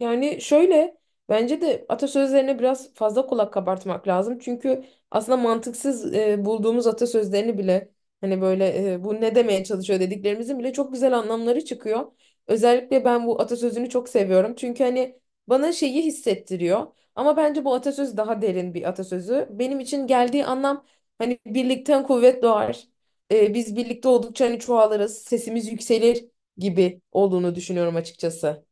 Yani şöyle bence de atasözlerine biraz fazla kulak kabartmak lazım. Çünkü aslında mantıksız bulduğumuz atasözlerini bile hani böyle bu ne demeye çalışıyor dediklerimizin bile çok güzel anlamları çıkıyor. Özellikle ben bu atasözünü çok seviyorum. Çünkü hani bana şeyi hissettiriyor. Ama bence bu atasöz daha derin bir atasözü. Benim için geldiği anlam hani birlikten kuvvet doğar. Biz birlikte oldukça hani çoğalırız, sesimiz yükselir gibi olduğunu düşünüyorum açıkçası.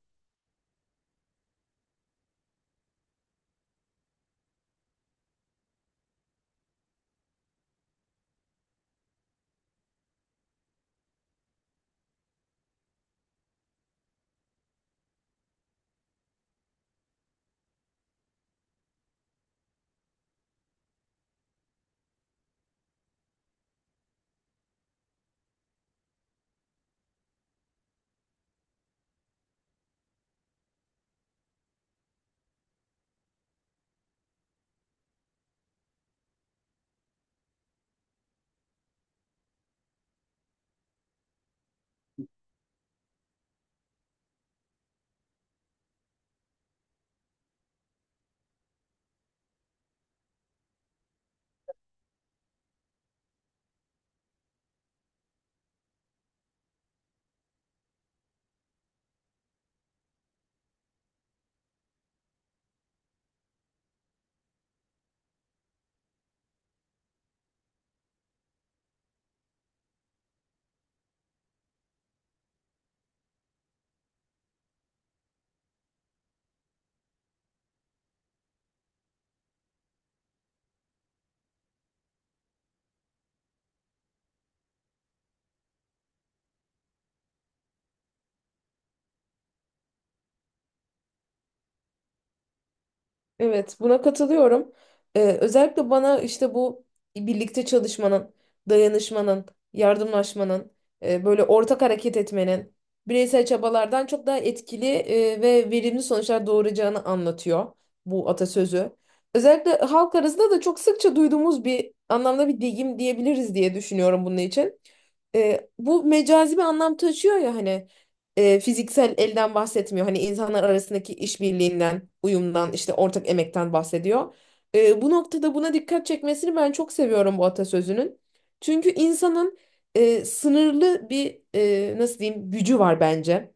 Evet, buna katılıyorum. Özellikle bana işte bu birlikte çalışmanın, dayanışmanın, yardımlaşmanın, böyle ortak hareket etmenin bireysel çabalardan çok daha etkili ve verimli sonuçlar doğuracağını anlatıyor bu atasözü. Özellikle halk arasında da çok sıkça duyduğumuz bir anlamda bir deyim diyebiliriz diye düşünüyorum bunun için. Bu mecazi bir anlam taşıyor ya hani fiziksel elden bahsetmiyor. Hani insanlar arasındaki işbirliğinden, uyumdan, işte ortak emekten bahsediyor. Bu noktada buna dikkat çekmesini ben çok seviyorum bu atasözünün. Çünkü insanın sınırlı bir nasıl diyeyim gücü var bence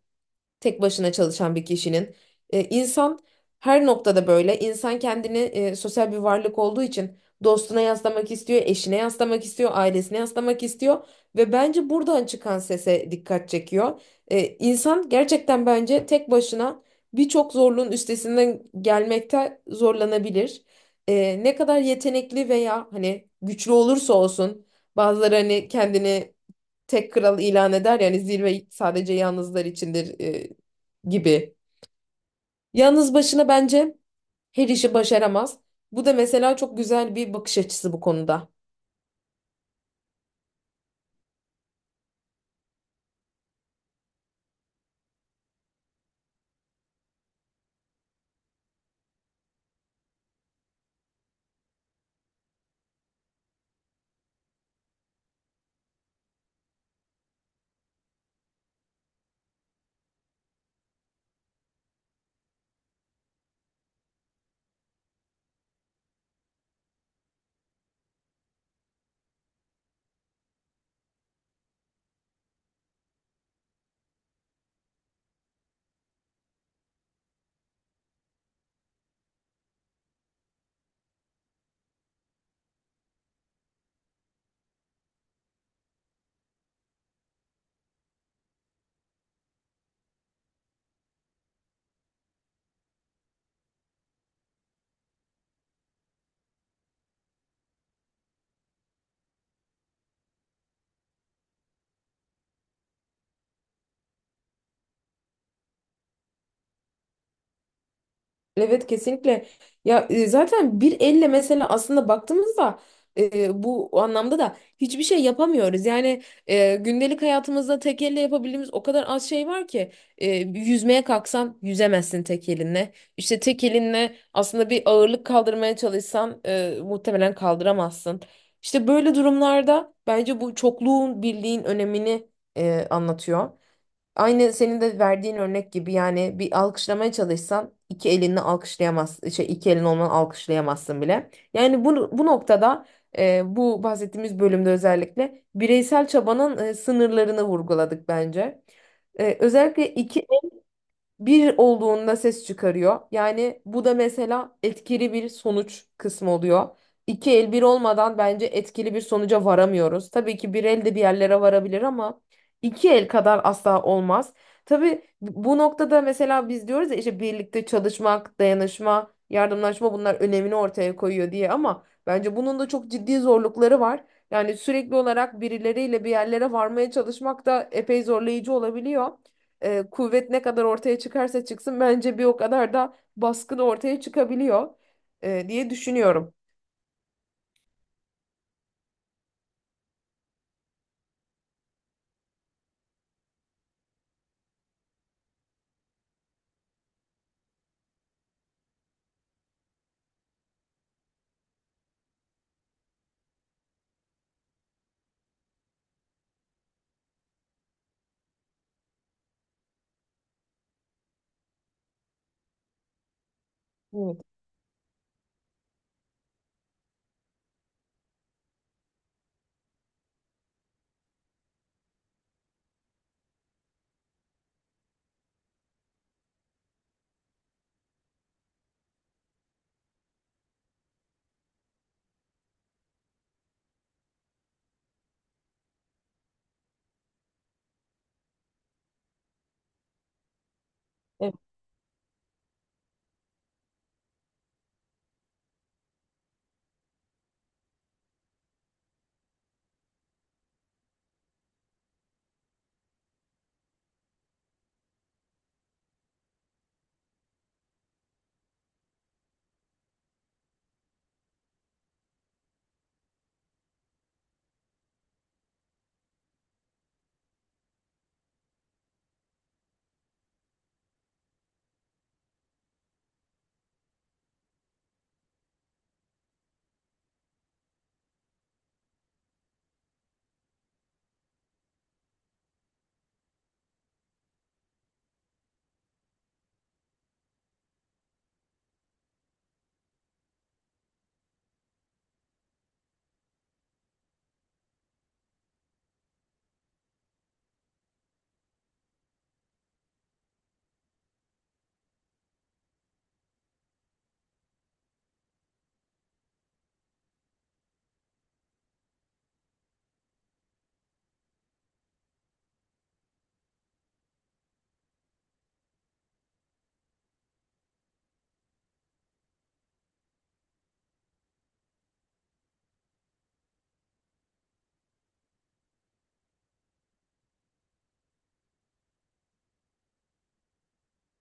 tek başına çalışan bir kişinin. İnsan her noktada böyle. İnsan kendini sosyal bir varlık olduğu için dostuna yaslamak istiyor, eşine yaslamak istiyor, ailesine yaslamak istiyor ve bence buradan çıkan sese dikkat çekiyor. İnsan gerçekten bence tek başına birçok zorluğun üstesinden gelmekte zorlanabilir. Ne kadar yetenekli veya hani güçlü olursa olsun bazıları hani kendini tek kral ilan eder yani zirve sadece yalnızlar içindir gibi. Yalnız başına bence her işi başaramaz. Bu da mesela çok güzel bir bakış açısı bu konuda. Evet, kesinlikle. Ya zaten bir elle mesela aslında baktığımızda bu anlamda da hiçbir şey yapamıyoruz. Yani gündelik hayatımızda tek elle yapabildiğimiz o kadar az şey var ki yüzmeye kalksan yüzemezsin tek elinle. İşte tek elinle aslında bir ağırlık kaldırmaya çalışsan muhtemelen kaldıramazsın. İşte böyle durumlarda bence bu çokluğun birliğin önemini anlatıyor. Aynı senin de verdiğin örnek gibi yani bir alkışlamaya çalışsan iki elinle alkışlayamaz, şey iki elin olmadan alkışlayamazsın bile. Yani bu noktada bu bahsettiğimiz bölümde özellikle bireysel çabanın sınırlarını vurguladık bence. Özellikle iki bir olduğunda ses çıkarıyor. Yani bu da mesela etkili bir sonuç kısmı oluyor. İki el bir olmadan bence etkili bir sonuca varamıyoruz. Tabii ki bir el de bir yerlere varabilir ama iki el kadar asla olmaz. Tabii bu noktada mesela biz diyoruz ya işte birlikte çalışmak, dayanışma, yardımlaşma bunlar önemini ortaya koyuyor diye ama bence bunun da çok ciddi zorlukları var. Yani sürekli olarak birileriyle bir yerlere varmaya çalışmak da epey zorlayıcı olabiliyor kuvvet ne kadar ortaya çıkarsa çıksın bence bir o kadar da baskın ortaya çıkabiliyor diye düşünüyorum. Evet.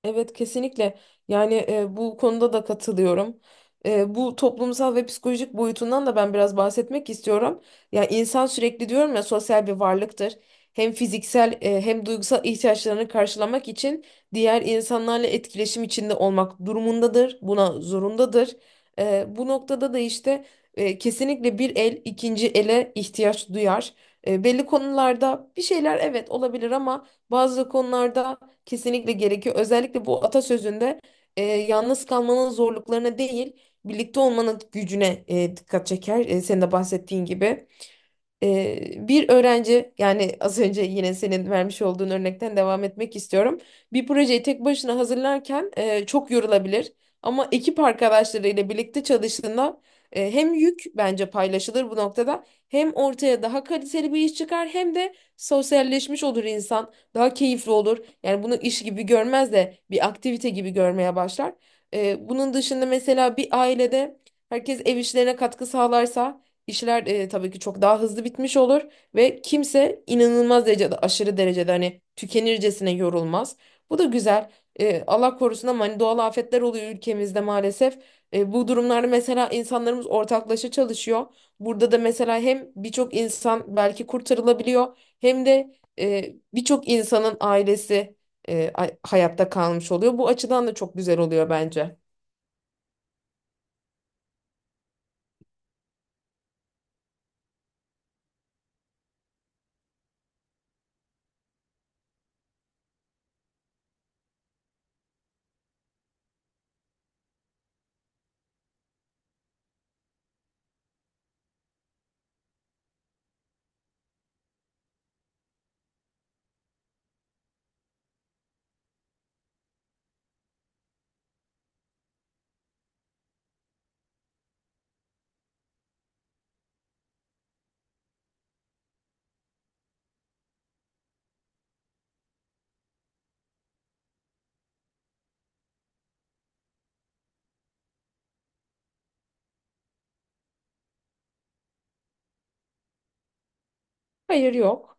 Evet, kesinlikle yani bu konuda da katılıyorum. Bu toplumsal ve psikolojik boyutundan da ben biraz bahsetmek istiyorum. Ya insan sürekli diyorum ya sosyal bir varlıktır. Hem fiziksel hem duygusal ihtiyaçlarını karşılamak için diğer insanlarla etkileşim içinde olmak durumundadır. Buna zorundadır. Bu noktada da işte kesinlikle bir el ikinci ele ihtiyaç duyar. Belli konularda bir şeyler evet olabilir ama bazı konularda kesinlikle gerekiyor. Özellikle bu atasözünde yalnız kalmanın zorluklarına değil, birlikte olmanın gücüne dikkat çeker. Senin de bahsettiğin gibi. Bir öğrenci yani az önce yine senin vermiş olduğun örnekten devam etmek istiyorum. Bir projeyi tek başına hazırlarken çok yorulabilir ama ekip arkadaşlarıyla birlikte çalıştığında hem yük bence paylaşılır bu noktada hem ortaya daha kaliteli bir iş çıkar hem de sosyalleşmiş olur insan daha keyifli olur. Yani bunu iş gibi görmez de bir aktivite gibi görmeye başlar. Bunun dışında mesela bir ailede herkes ev işlerine katkı sağlarsa İşler tabii ki çok daha hızlı bitmiş olur ve kimse inanılmaz derecede aşırı derecede hani tükenircesine yorulmaz. Bu da güzel. Allah korusun ama hani doğal afetler oluyor ülkemizde maalesef. Bu durumlarda mesela insanlarımız ortaklaşa çalışıyor. Burada da mesela hem birçok insan belki kurtarılabiliyor hem de birçok insanın ailesi hayatta kalmış oluyor. Bu açıdan da çok güzel oluyor bence. Hayır, yok.